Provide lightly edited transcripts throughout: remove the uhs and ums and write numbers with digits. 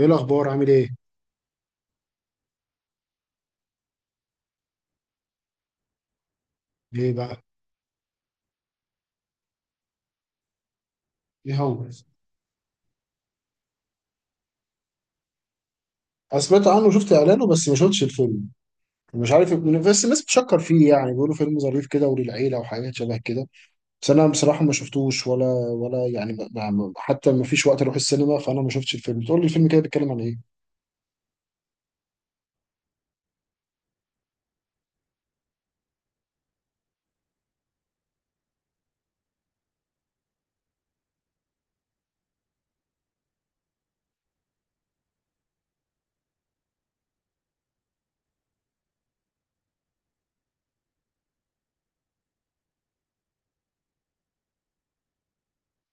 ايه الاخبار؟ عامل ايه؟ ايه بقى؟ ايه هو؟ انا سمعت عنه وشفت اعلانه، بس ما شفتش الفيلم. مش عارف، بس الناس بتشكر فيه، يعني بيقولوا فيلم ظريف كده وللعيله وحاجات شبه كده. بس انا بصراحه ما شفتوش، ولا ولا يعني حتى ما فيش وقت اروح السينما، فانا ما شفتش الفيلم. تقول لي الفيلم كده بيتكلم عن ايه؟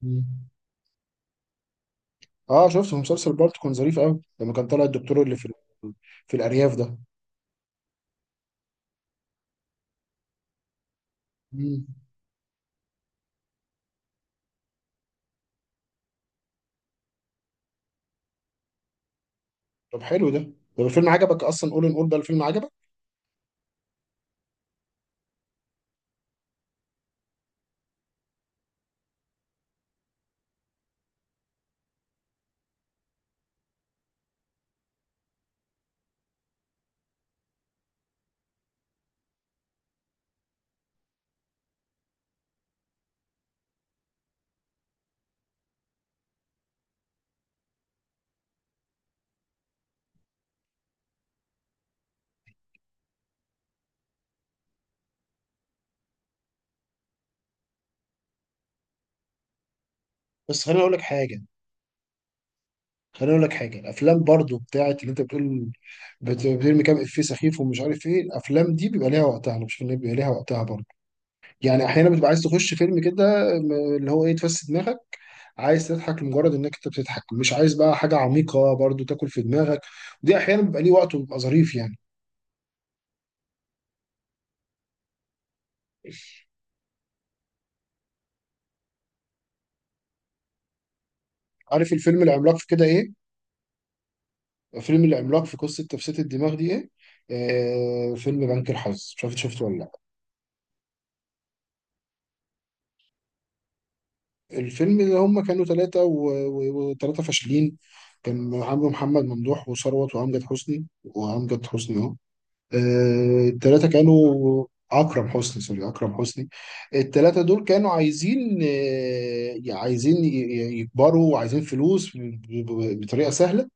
مم. اه، شفته في مسلسل بالطو، كان ظريف قوي لما كان طالع الدكتور اللي في ال- في الارياف ده. مم. طب حلو ده. طب الفيلم عجبك اصلا؟ قول، نقول بقى الفيلم عجبك. بس خليني اقول لك حاجه، خليني اقول لك حاجه. الافلام برضو بتاعت اللي انت بتقول بترمي كام افيه سخيف ومش عارف ايه، الافلام دي بيبقى ليها وقتها. انا بشوف ان هي بيبقى ليها وقتها برضو. يعني احيانا بتبقى عايز تخش فيلم كده، اللي هو ايه، تفسد دماغك، عايز تضحك لمجرد انك انت بتضحك، مش عايز بقى حاجه عميقه برضو تاكل في دماغك. ودي احيانا بيبقى ليه وقت وبيبقى ظريف يعني. عارف الفيلم العملاق في كده ايه؟ فيلم العملاق في قصه تفسير الدماغ دي ايه. آه، فيلم بنك الحظ، مش عارف إنت شفته ولا لأ. الفيلم اللي هم كانوا ثلاثة، وثلاثة فاشلين. كان عمرو محمد ممدوح، وثروت، وأمجد حسني، وأمجد حسني أهو. آه، الثلاثة كانوا أكرم حسني، سوري، أكرم حسني. الثلاثة دول كانوا عايزين، آه، عايزين يكبروا وعايزين فلوس بطريقة سهلة.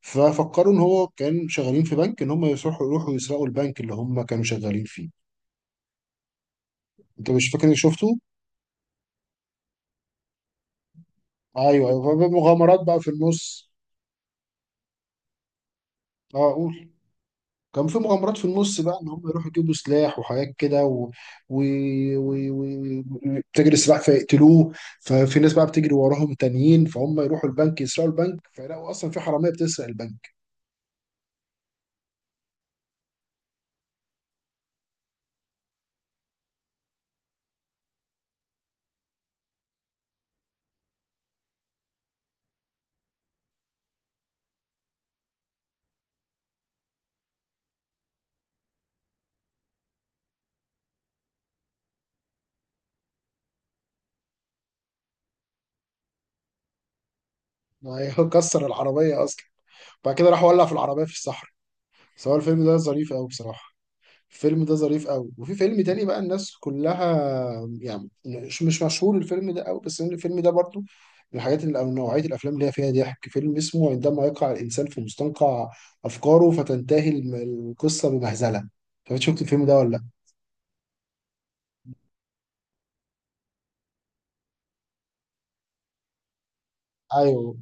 ففكروا إن هو كان شغالين في بنك، إن هم يروحوا يسرقوا البنك اللي هم كانوا شغالين فيه. أنت مش فاكر إنك شفته؟ أيوه أيوه، مغامرات بقى في النص. أه قول. كان في مغامرات في النص، بقى ان هم يروحوا يجيبوا سلاح وحاجات كده، و... و... و... و... تجري السلاح فيقتلوه. ففي ناس بقى بتجري وراهم تانيين، فهم يروحوا البنك يسرقوا البنك، فيلاقوا اصلا في حراميه بتسرق البنك. ما هي كسر العربيه اصلا، بعد كده راح ولع في العربيه في الصحراء. سواء الفيلم ده ظريف قوي بصراحه. الفيلم ده ظريف قوي. وفي فيلم تاني بقى، الناس كلها يعني مش مشهور الفيلم ده قوي، بس الفيلم ده برضو من الحاجات اللي او نوعيه الافلام اللي هي فيها ضحك. فيلم اسمه عندما يقع الانسان في مستنقع افكاره فتنتهي القصه بمهزله. فانت شفت الفيلم ده ولا لا؟ ايوه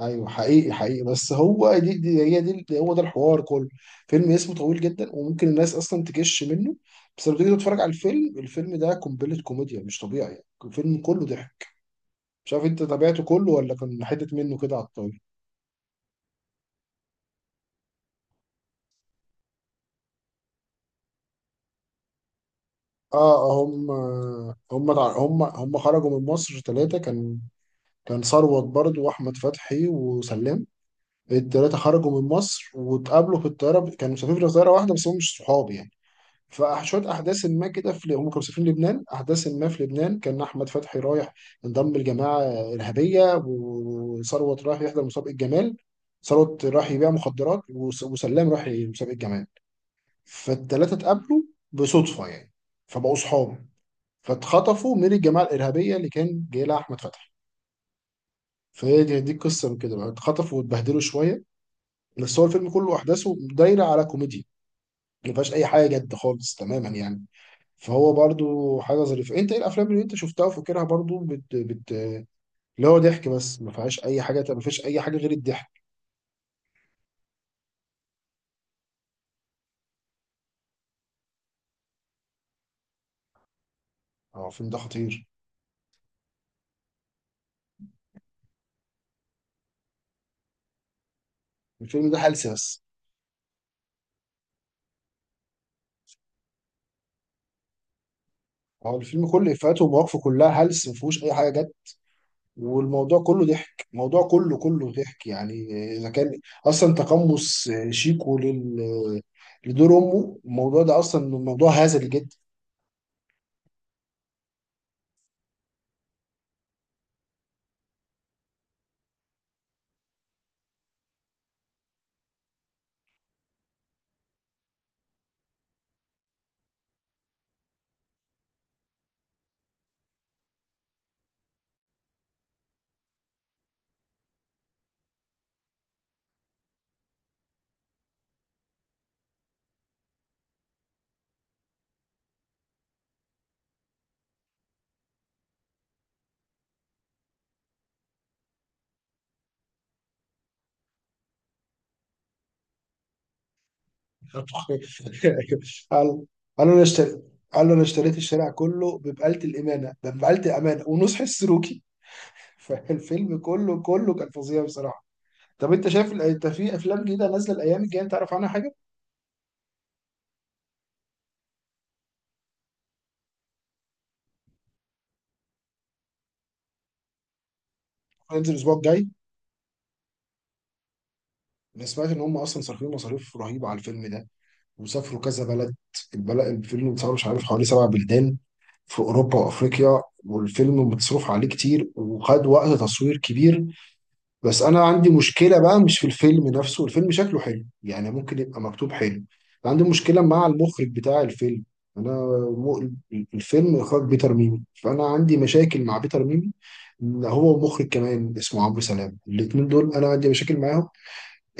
ايوه، حقيقي حقيقي. بس هو دي هي، دي هو ده الحوار كله. فيلم اسمه طويل جدا وممكن الناس اصلا تكش منه. بس لما تيجي تتفرج على الفيلم، الفيلم ده قنبله كوميديا مش طبيعي، الفيلم كله ضحك. مش عارف انت تابعته كله ولا كان حتة منه كده على الطاولة. اه، هم هم هم خرجوا من مصر ثلاثة. كان كان ثروت برضو، واحمد فتحي، وسلام. الثلاثة خرجوا من مصر واتقابلوا في الطيارة، كانوا مسافرين في طيارة واحدة بس هم مش صحاب يعني. فشوية أحداث ما كده، في هم كانوا مسافرين لبنان. أحداث ما في لبنان، كان أحمد فتحي رايح انضم لجماعة إرهابية، وثروت رايح يحضر مسابقة جمال. ثروت راح يبيع مخدرات، وسلام راح مسابقة جمال. فالتلاتة اتقابلوا بصدفة يعني، فبقوا صحاب. فاتخطفوا من الجماعة الإرهابية اللي كان جاي لها أحمد فتحي. فهي دي القصة، من كده بقى اتخطفوا واتبهدلوا شوية. بس هو الفيلم كله أحداثه دايرة على كوميديا، ما فيهاش أي حاجة جد خالص تماما يعني. فهو برضو حاجة ظريفة. أنت إيه الأفلام اللي أنت شفتها وفاكرها برضو بت... بت... اللي هو ضحك بس ما فيهاش أي حاجة، ما فيش أي حاجة غير الضحك. أه، الفيلم ده خطير. الفيلم ده هلس بس. هو الفيلم كله إفيهاته ومواقفه كلها هلس، ما فيهوش أي حاجة جد. والموضوع كله ضحك، الموضوع كله ضحك يعني. اذا كان اصلا تقمص شيكو لل لدور امه، الموضوع ده اصلا موضوع هزلي جدا. قال، قال له انا اشتريت، قال له انا اشتريت الشارع كله ببقالة الامانه، ده ببقالة الامانه ونصح السلوكي. فالفيلم كله كان فظيع بصراحه. طب انت شايف انت في افلام جديده نازله الايام الجايه، انت تعرف عنها حاجه؟ هينزل الاسبوع الجاي. انا سمعت ان هم اصلا صارفين مصاريف رهيبه على الفيلم ده، وسافروا كذا بلد. البلد الفيلم اتصور، مش عارف، حوالي سبع بلدان في أوروبا وأفريقيا. والفيلم متصرف عليه كتير وخد وقت تصوير كبير. بس أنا عندي مشكلة بقى مش في الفيلم نفسه، الفيلم شكله حلو يعني، ممكن يبقى مكتوب حلو. عندي مشكلة مع المخرج بتاع الفيلم. أنا م... الفيلم إخراج بيتر ميمي، فأنا عندي مشاكل مع بيتر ميمي. هو ومخرج كمان اسمه عمرو سلام، الاتنين دول أنا عندي مشاكل معاهم.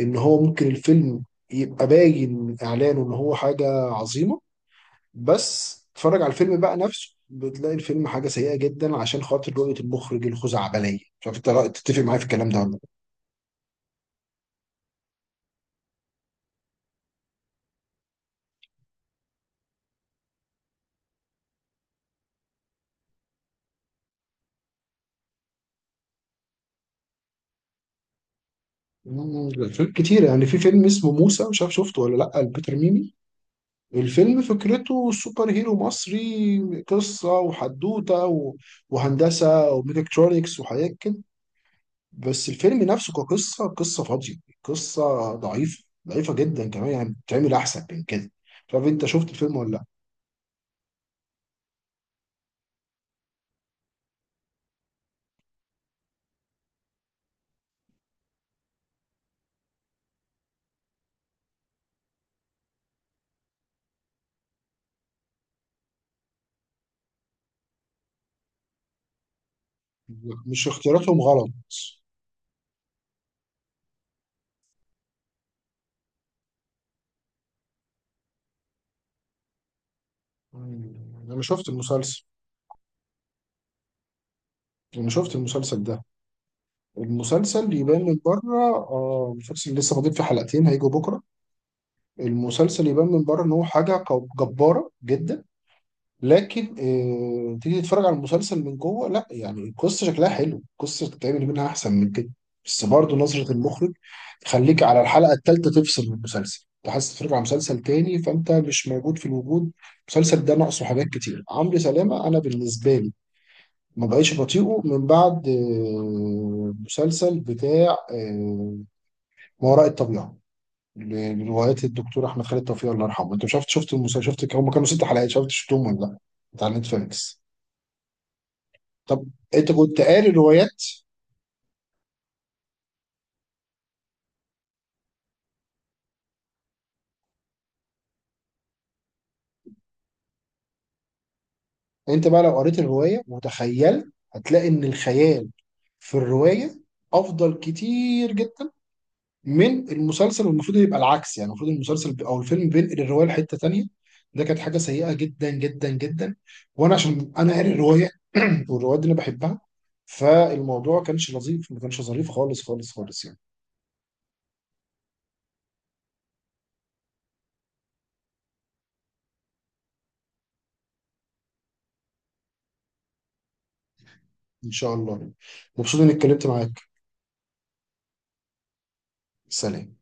ان هو ممكن الفيلم يبقى باين من اعلانه ان هو حاجه عظيمه، بس تتفرج على الفيلم بقى نفسه بتلاقي الفيلم حاجه سيئه جدا عشان خاطر رؤيه المخرج الخزعبليه. مش عارف انت تتفق معايا في الكلام ده ولا لا. أفلام كتير يعني. في فيلم اسمه موسى، مش عارف شفته ولا لا، البيتر ميمي. الفيلم فكرته سوبر هيرو مصري، قصه وحدوته وهندسه وميكاترونكس وحاجات كده. بس الفيلم نفسه كقصة، قصة فاضية، قصة ضعيفة ضعيفة جدا كمان يعني، بتعمل أحسن من كده. مش عارف أنت شفت الفيلم ولا لأ. مش اختياراتهم غلط. مم. أنا شفت المسلسل، أنا شفت المسلسل ده. المسلسل يبان من بره. آه، المسلسل لسه فاضل فيه حلقتين هيجوا بكرة. المسلسل يبان من بره إن هو حاجة جبارة جدا. لكن آه، تيجي تتفرج على المسلسل من جوه، لا، يعني القصه شكلها حلو، القصه تتعمل منها احسن من كده. بس برضه نظره المخرج تخليك على الحلقه الثالثه تفصل من المسلسل، انت حاسس تتفرج على مسلسل تاني، فانت مش موجود في الوجود. المسلسل ده ناقصه حاجات كتير. عمرو سلامه انا بالنسبه لي ما بقيتش بطيئه من بعد مسلسل بتاع ما وراء الطبيعه، لروايات الدكتور احمد خالد توفيق الله يرحمه. انت مش عارف شفت المسلسل، شفت هم كانوا ست حلقات، شفت شفتهم، ولا لا؟ بتاع نتفليكس. طب انت كنت قاري روايات؟ انت بقى لو قريت الروايه وتخيلت، هتلاقي ان الخيال في الروايه افضل كتير جدا من المسلسل، والمفروض يبقى العكس يعني. المفروض المسلسل او الفيلم بينقل الروايه لحته تانيه. ده كانت حاجه سيئه جدا جدا جدا. وانا عشان انا قاري الروايه والروايات دي انا بحبها، فالموضوع كانش لطيف، ما كانش ظريف خالص خالص خالص يعني. ان شاء الله. مبسوط اني اتكلمت معاك. سلام.